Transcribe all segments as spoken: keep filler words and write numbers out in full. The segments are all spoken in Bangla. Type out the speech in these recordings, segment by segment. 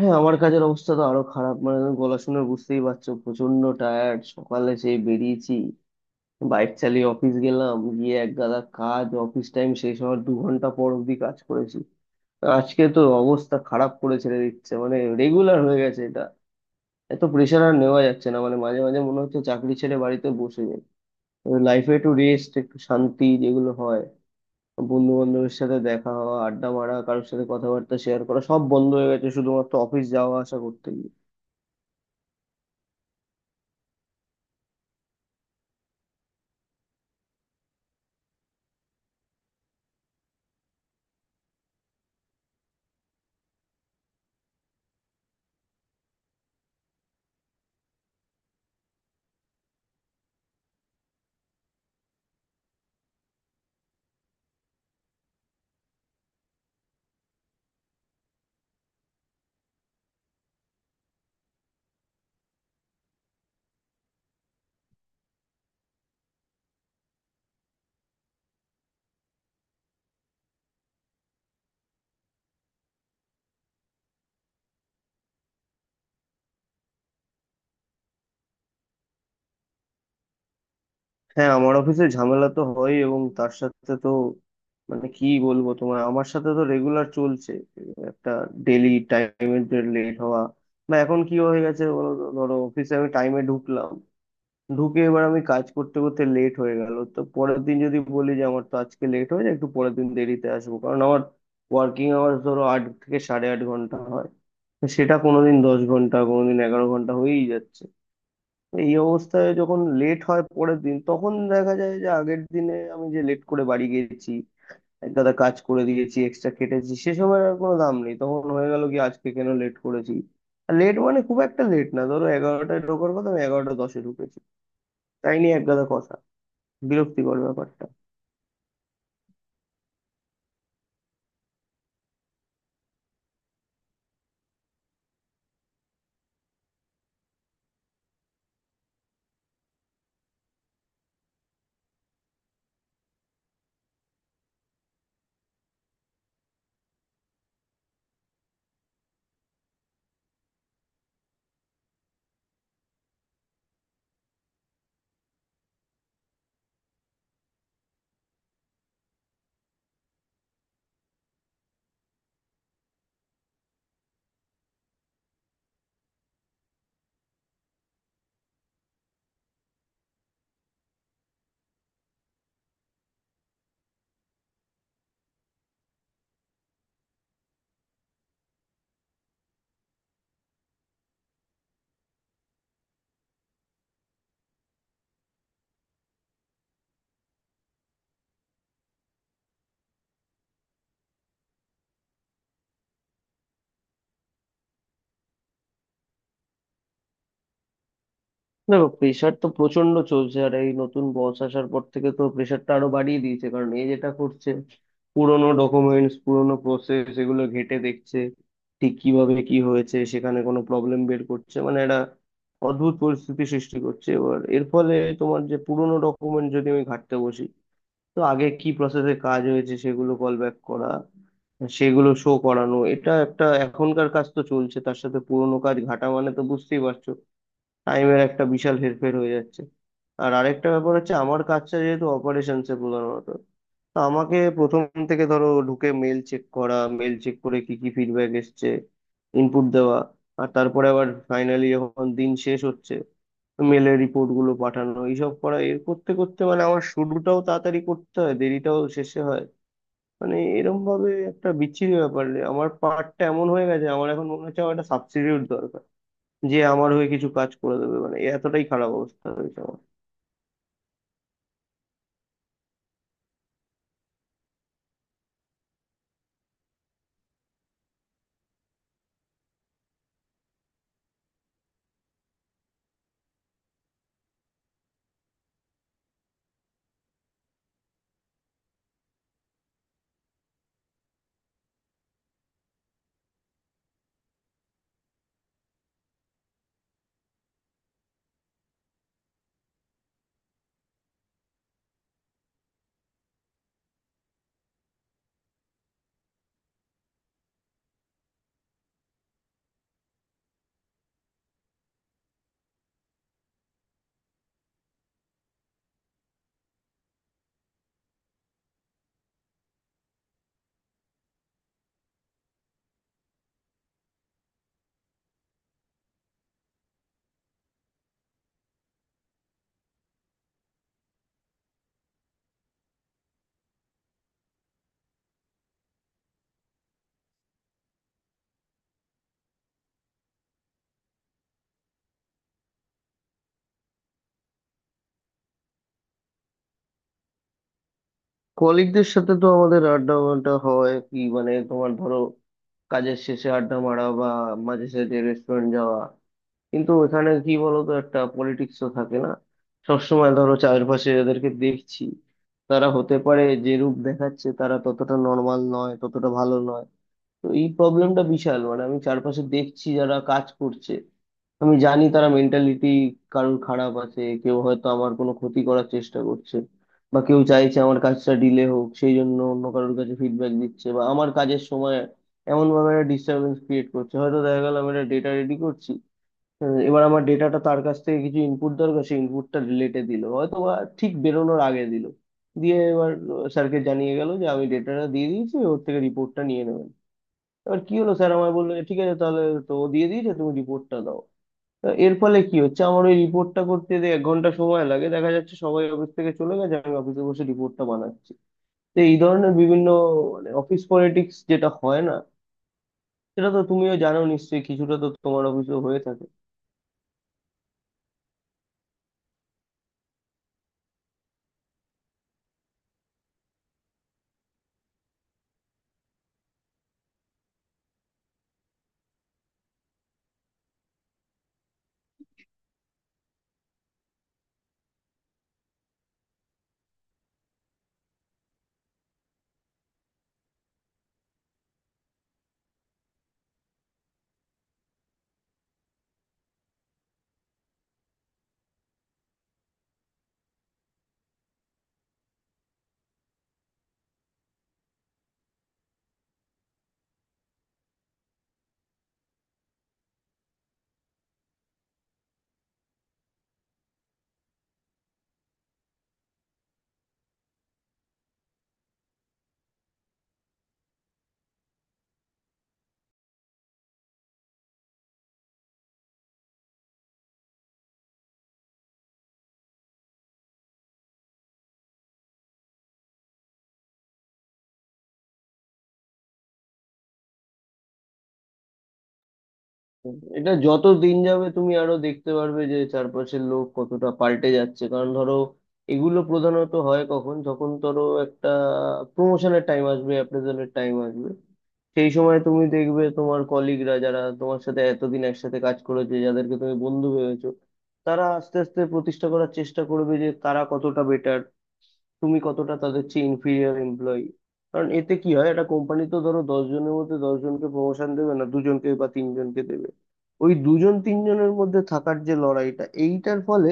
হ্যাঁ, আমার কাজের অবস্থা তো আরো খারাপ। মানে গলা শুনে বুঝতেই পারছো, প্রচন্ড টায়ার্ড। সকালে সেই বেরিয়েছি, বাইক চালিয়ে অফিস গেলাম, গিয়ে এক গাদা কাজ। অফিস টাইম শেষ হওয়ার দু ঘন্টা পর অবধি কাজ করেছি। আজকে তো অবস্থা খারাপ করে ছেড়ে দিচ্ছে, মানে রেগুলার হয়ে গেছে এটা। এত প্রেশার আর নেওয়া যাচ্ছে না, মানে মাঝে মাঝে মনে হচ্ছে চাকরি ছেড়ে বাড়িতে বসে যাই। লাইফে একটু রেস্ট, একটু শান্তি যেগুলো হয়, বন্ধু বান্ধবের সাথে দেখা হওয়া, আড্ডা মারা, কারোর সাথে কথাবার্তা শেয়ার করা, সব বন্ধ হয়ে গেছে শুধুমাত্র অফিস যাওয়া আসা করতে গিয়ে। হ্যাঁ, আমার অফিসে ঝামেলা তো হয়, এবং তার সাথে তো মানে কি বলবো, তোমার আমার সাথে তো রেগুলার চলছে একটা ডেলি টাইমের যে লেট হওয়া। বা এখন কি হয়ে গেছে বলো তো, ধরো অফিসে আমি টাইমে ঢুকলাম, ঢুকে এবার আমি কাজ করতে করতে লেট হয়ে গেল, তো পরের দিন যদি বলি যে আমার তো আজকে লেট হয়ে যায় একটু, পরের দিন দেরিতে আসবো, কারণ আমার ওয়ার্কিং আওয়ার্স ধরো আট থেকে সাড়ে আট ঘন্টা হয়। তো সেটা কোনোদিন দশ ঘন্টা, কোনোদিন এগারো ঘন্টা হয়েই যাচ্ছে। এই অবস্থায় যখন লেট হয় পরের দিন, তখন দেখা যায় যে আগের দিনে আমি যে লেট করে বাড়ি গেছি, এক গাদা কাজ করে দিয়েছি, এক্সট্রা খেটেছি, সে সময় আর কোনো দাম নেই। তখন হয়ে গেল কি, আজকে কেন লেট করেছি। আর লেট মানে খুব একটা লেট না, ধরো এগারোটায় ঢোকার কথা, আমি এগারোটা দশে ঢুকেছি। তাই নিয়ে এক গাদা কথা, বিরক্তিকর ব্যাপারটা। দেখো প্রেশার তো প্রচন্ড চলছে, আর এই নতুন বস আসার পর থেকে তো প্রেশারটা আরো বাড়িয়ে দিয়েছে। কারণ এ যেটা করছে, পুরোনো ডকুমেন্টস, পুরোনো প্রসেস এগুলো ঘেঁটে দেখছে, ঠিক কিভাবে কি হয়েছে, সেখানে কোনো প্রবলেম বের করছে। মানে একটা অদ্ভুত পরিস্থিতি সৃষ্টি করছে। এবার এর ফলে তোমার যে পুরোনো ডকুমেন্ট, যদি আমি ঘাঁটতে বসি, তো আগে কি প্রসেসে কাজ হয়েছে সেগুলো কল ব্যাক করা, সেগুলো শো করানো, এটা একটা এখনকার কাজ তো চলছে, তার সাথে পুরোনো কাজ ঘাটা, মানে তো বুঝতেই পারছো টাইমের একটা বিশাল হেরফের হয়ে যাচ্ছে। আর আরেকটা ব্যাপার হচ্ছে, আমার কাজটা যেহেতু অপারেশনসে প্রধানত, তো আমাকে প্রথম থেকে ধরো ঢুকে মেল চেক করা, মেল চেক করে কি কি ফিডব্যাক এসছে ইনপুট দেওয়া, আর তারপরে আবার ফাইনালি যখন দিন শেষ হচ্ছে মেলের রিপোর্ট গুলো পাঠানো, এইসব করা। এর করতে করতে মানে আমার শুরুটাও তাড়াতাড়ি করতে হয়, দেরিটাও শেষে হয়। মানে এরম ভাবে একটা বিচ্ছিরি ব্যাপার আমার পার্টটা এমন হয়ে গেছে, আমার এখন মনে হচ্ছে আমার একটা সাবস্টিটিউট দরকার, যে আমার হয়ে কিছু কাজ করে দেবে। মানে এতটাই খারাপ অবস্থা হয়েছে আমার। কলিগদের সাথে তো আমাদের আড্ডা মাড্ডা হয় কি, মানে তোমার ধরো কাজের শেষে আড্ডা মারা, বা মাঝে সাঝে রেস্টুরেন্ট যাওয়া, কিন্তু ওখানে কি বলতো একটা পলিটিক্স তো থাকে না। সবসময় ধরো চারপাশে যাদেরকে দেখছি, তারা হতে পারে যে রূপ দেখাচ্ছে তারা ততটা নর্মাল নয়, ততটা ভালো নয়। তো এই প্রবলেমটা বিশাল। মানে আমি চারপাশে দেখছি যারা কাজ করছে, আমি জানি তারা মেন্টালিটি কারোর খারাপ আছে, কেউ হয়তো আমার কোনো ক্ষতি করার চেষ্টা করছে, বা কেউ চাইছে আমার কাজটা ডিলে হোক, সেই জন্য অন্য কারোর কাছে ফিডব্যাক দিচ্ছে, বা আমার কাজের সময় এমন ভাবে একটা ডিস্টারবেন্স ক্রিয়েট করছে। হয়তো দেখা গেল আমি একটা ডেটা রেডি করছি, আহ, এবার আমার ডেটাটা তার কাছ থেকে কিছু ইনপুট দরকার, সেই ইনপুটটা লেটে দিল, হয়তো বা ঠিক বেরোনোর আগে দিল। দিয়ে এবার স্যারকে জানিয়ে গেল যে আমি ডেটাটা দিয়ে দিয়েছি, ওর থেকে রিপোর্টটা নিয়ে নেবেন। এবার কি হলো, স্যার আমায় বললো যে, ঠিক আছে তাহলে, তো ও দিয়ে দিয়েছে, তুমি রিপোর্টটা দাও। তা এর ফলে কি হচ্ছে, আমার ওই রিপোর্টটা করতে যে এক ঘন্টা সময় লাগে, দেখা যাচ্ছে সবাই অফিস থেকে চলে গেছে, আমি অফিসে বসে রিপোর্টটা বানাচ্ছি। তো এই ধরনের বিভিন্ন, মানে অফিস পলিটিক্স যেটা হয় না, সেটা তো তুমিও জানো নিশ্চয়ই, কিছুটা তো তোমার অফিসেও হয়ে থাকে। এটা যত দিন যাবে তুমি আরো দেখতে পারবে যে চারপাশের লোক কতটা পাল্টে যাচ্ছে। কারণ ধরো এগুলো প্রধানত হয় কখন, যখন ধরো একটা প্রমোশনের টাইম আসবে, অ্যাপ্রেজালের টাইম আসবে, সেই সময় তুমি দেখবে তোমার কলিগরা যারা তোমার সাথে এতদিন একসাথে কাজ করেছে, যাদেরকে তুমি বন্ধু ভেবেছো, তারা আস্তে আস্তে প্রতিষ্ঠা করার চেষ্টা করবে যে তারা কতটা বেটার, তুমি কতটা তাদের চেয়ে ইনফিরিয়ার এমপ্লয়ি। কারণ এতে কি হয়, একটা কোম্পানি তো ধরো দশ জনের মধ্যে দশ জনকে প্রমোশন দেবে না, দুজনকে বা তিনজনকে দেবে। ওই দুজন তিনজনের মধ্যে থাকার যে লড়াইটা, এইটার ফলে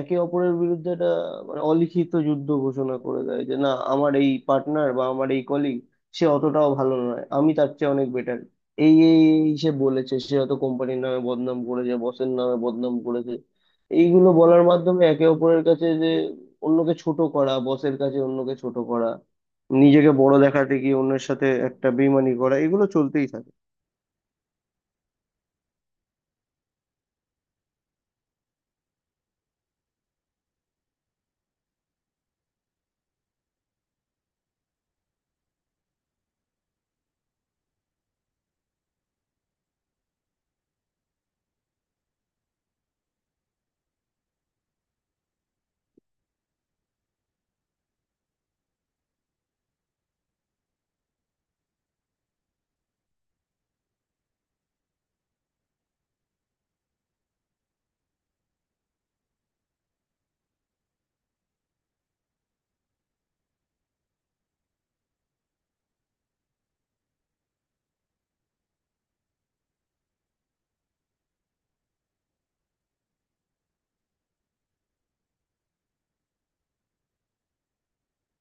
একে অপরের বিরুদ্ধে একটা মানে অলিখিত যুদ্ধ ঘোষণা করে দেয়, যে না আমার এই পার্টনার বা আমার এই কলিগ সে অতটাও ভালো নয়, আমি তার চেয়ে অনেক বেটার। এই এই এই সে বলেছে, সে হয়তো কোম্পানির নামে বদনাম করেছে, বসের নামে বদনাম করেছে। এইগুলো বলার মাধ্যমে একে অপরের কাছে যে অন্যকে ছোট করা, বসের কাছে অন্যকে ছোট করা, নিজেকে বড় দেখাতে গিয়ে অন্যের সাথে একটা বেইমানি করা, এগুলো চলতেই থাকে।